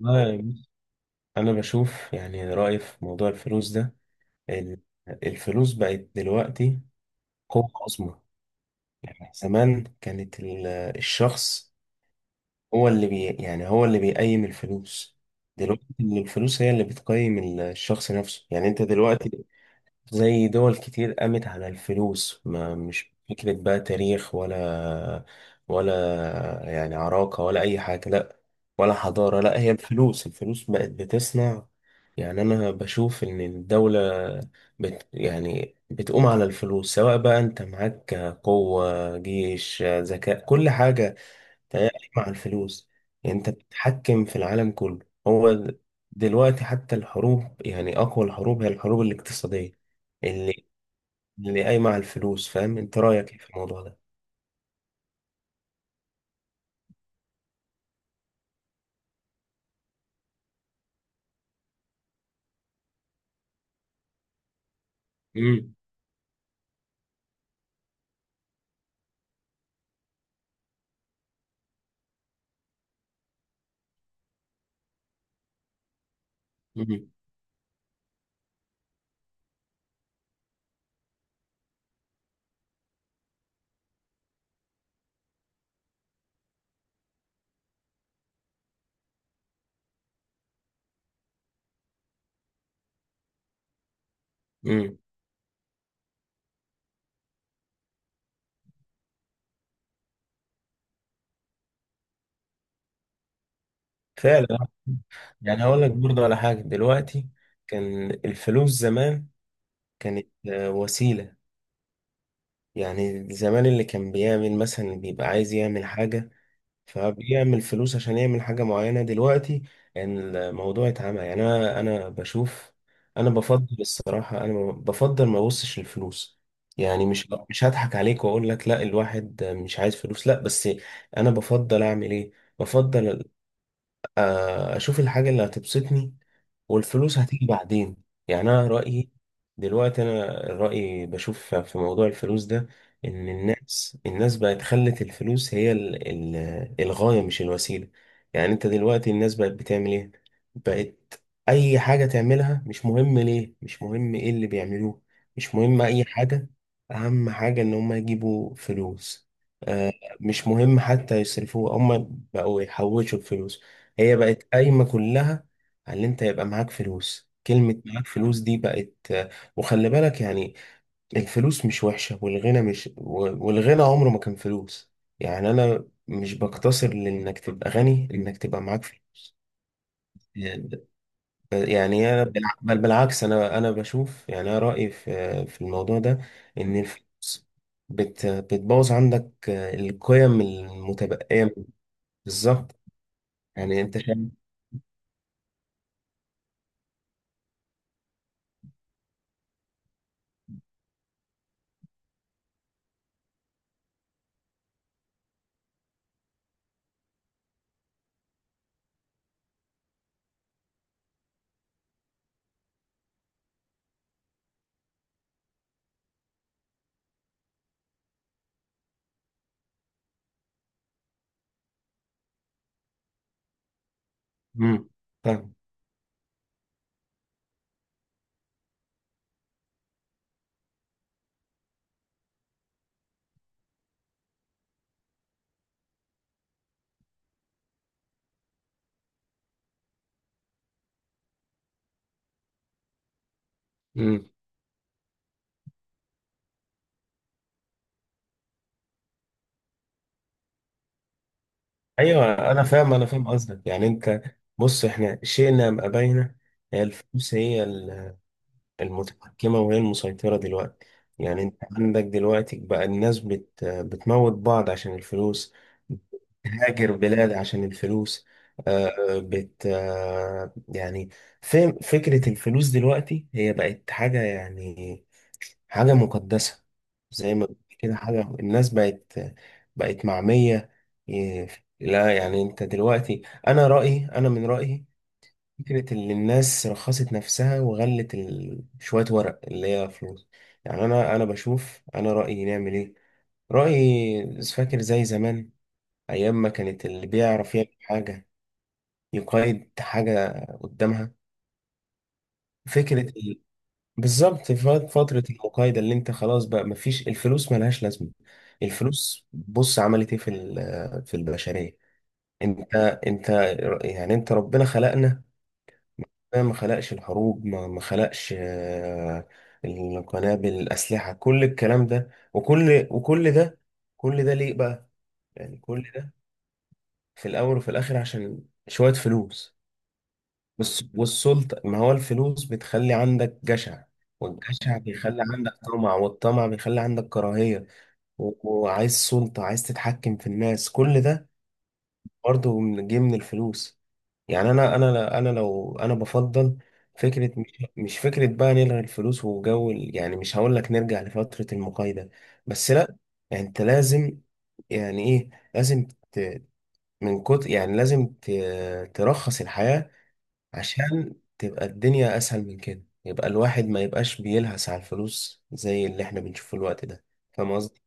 والله بص، أنا بشوف يعني رأيي في موضوع الفلوس ده إن الفلوس بقت دلوقتي قوة عظمى. يعني زمان كانت الشخص هو اللي بي يعني هو اللي بيقيم الفلوس، دلوقتي الفلوس هي اللي بتقيم الشخص نفسه. يعني أنت دلوقتي زي دول كتير قامت على الفلوس، ما مش فكرة بقى تاريخ ولا ولا يعني عراقة ولا أي حاجة، لأ ولا حضارة، لأ هي الفلوس. الفلوس بقت بتصنع. يعني أنا بشوف إن الدولة بت يعني بتقوم على الفلوس. سواء بقى أنت معاك قوة جيش ذكاء كل حاجة، تهيألي مع الفلوس يعني انت بتتحكم في العالم كله. هو د- دلوقتي حتى الحروب، يعني اقوى الحروب هي الحروب الاقتصادية اللي اللي قايمة على الفلوس. فاهم؟ انت رأيك ايه في الموضوع ده؟ امم امم امم فعلا. يعني هقول لك برضه على حاجة، دلوقتي كان الفلوس زمان كانت وسيلة. يعني زمان اللي كان بيعمل مثلا، اللي بيبقى عايز يعمل حاجة فبيعمل فلوس عشان يعمل حاجة معينة. دلوقتي يعني الموضوع اتعمى. يعني أنا بشوف، أنا بفضل الصراحة، أنا بفضل ما أبصش للفلوس. يعني مش هضحك عليك وأقول لك لا الواحد مش عايز فلوس، لا، بس أنا بفضل أعمل إيه؟ بفضل اشوف الحاجة اللي هتبسطني والفلوس هتيجي بعدين. يعني انا رأيي دلوقتي، انا رأيي بشوف في موضوع الفلوس ده ان الناس بقت خلت الفلوس هي الغاية مش الوسيلة. يعني انت دلوقتي الناس بقت بتعمل ايه؟ بقت اي حاجة تعملها مش مهم ليه، مش مهم ايه اللي بيعملوه، مش مهم اي حاجة، اهم حاجة ان هم يجيبوا فلوس. آه، مش مهم حتى يصرفوه، هم بقوا يحوشوا الفلوس. هي بقت قايمة كلها على ان انت يبقى معاك فلوس. كلمة معاك فلوس دي بقت. وخلي بالك يعني الفلوس مش وحشة، والغنى مش و- والغنى عمره ما كان فلوس. يعني انا مش بقتصر لانك تبقى غني انك تبقى معاك فلوس. يعني ب- يعني انا بالع- بل بالعكس، انا بشوف، يعني انا رأيي في في الموضوع ده ان الفلوس بتبوظ عندك القيم المتبقية. بالظبط. يعني انت شايف امم فاهم. مم. ايوه انا فاهم، انا فاهم قصدك. يعني انت بص احنا شئنا ام ابينا، هي الفلوس هي المتحكمه وهي المسيطره دلوقتي. يعني انت عندك دلوقتي بقى الناس بتموت بعض عشان الفلوس، بتهاجر بلاد عشان الفلوس. آه، بت آه، يعني فين فكره الفلوس دلوقتي؟ هي بقت حاجه يعني حاجة مقدسة، زي ما بيقولوا كده، حاجة الناس بقت معمية. إيه، لا يعني انت دلوقتي، انا رأيي، انا من رأيي فكرة ان الناس رخصت نفسها وغلت شوية ورق اللي هي فلوس. يعني انا بشوف، انا رأيي نعمل ايه؟ رأيي فاكر زي زمان، ايام ما كانت اللي بيعرف يعمل حاجة يقيد حاجة قدامها، فكرة بالظبط في فترة مم. العقايدة، اللي انت خلاص بقى مفيش الفلوس ملهاش لازمة. الفلوس بص عملت ايه في في البشرية؟ انت انت يعني انت ربنا خلقنا، ربنا ما خلقش الحروب، ما خلقش القنابل الأسلحة كل الكلام ده، وكل ده، كل ده ليه بقى؟ يعني كل ده في الأول وفي الآخر عشان شوية فلوس. والسلطة، ما هو الفلوس بتخلي عندك جشع، والجشع بيخلي عندك طمع، والطمع بيخلي عندك كراهية، و- وعايز سلطة، عايز تتحكم في الناس. كل ده برضه جه من الفلوس. يعني أنا لو أنا بفضل فكرة مش فكرة بقى نلغي الفلوس يعني مش هقول لك نرجع لفترة المقايضة، بس لأ، يعني أنت لازم، يعني إيه لازم من كتر، يعني لازم ترخص الحياة عشان تبقى الدنيا اسهل من كده، يبقى الواحد ما يبقاش بيلهس على الفلوس زي اللي احنا بنشوفه الوقت ده. فاهم قصدي؟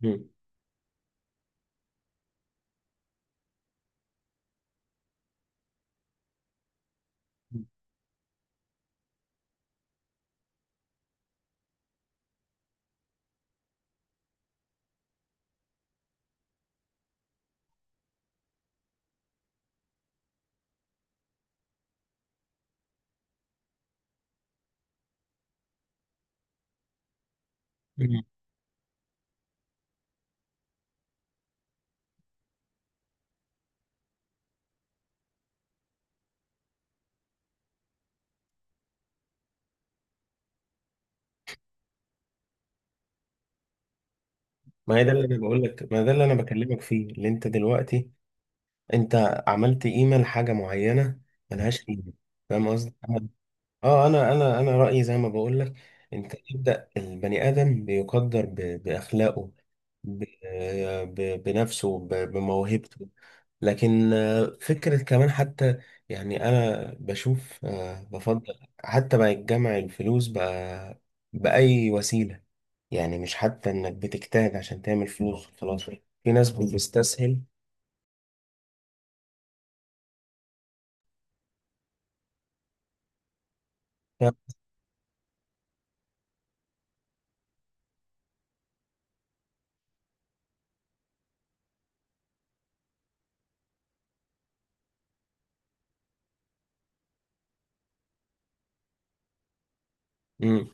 مم. مم. ما هي ده اللي انا بقول لك، ما ده اللي انا بكلمك فيه. اللي انت دلوقتي انت عملت قيمة لحاجة معينة ملهاش قيمة. فاهم قصدي؟ أنا اه، انا رأيي زي ما بقول لك، انت ابدأ البني ادم بيقدر ب... باخلاقه، ب... ب... بنفسه، ب... بموهبته. لكن فكرة كمان حتى، يعني أنا بشوف بفضل حتى بقى يتجمع الفلوس بقى بأي وسيلة. يعني مش حتى إنك بتجتهد عشان تعمل فلوس، خلاص في ناس بتستسهل. ف- مم.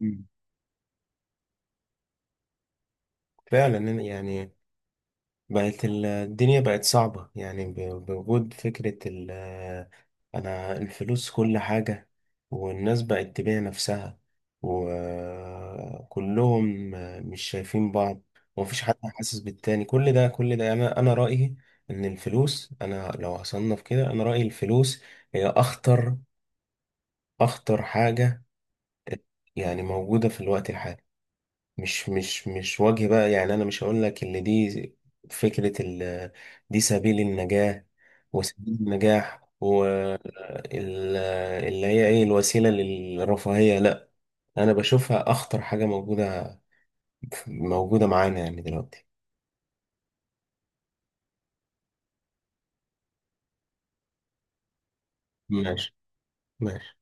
مم. فعلا يعني بقت الدنيا بقت صعبة يعني بوجود فكرة ال أنا الفلوس كل حاجة، والناس بقت تبيع نفسها، وكلهم مش شايفين بعض، ومفيش حد حاسس بالتاني. كل ده، كل ده أنا، رأيي إن الفلوس، أنا لو هصنف كده، أنا رأيي الفلوس هي أخطر، أخطر حاجة يعني موجودة في الوقت الحالي. مش وجه بقى، يعني انا مش هقول لك ان دي فكرة ال دي سبيل النجاة وسبيل النجاح، واللي هي ايه الوسيلة للرفاهية، لا، انا بشوفها اخطر حاجة موجودة، موجودة معانا يعني دلوقتي. ماشي ماشي.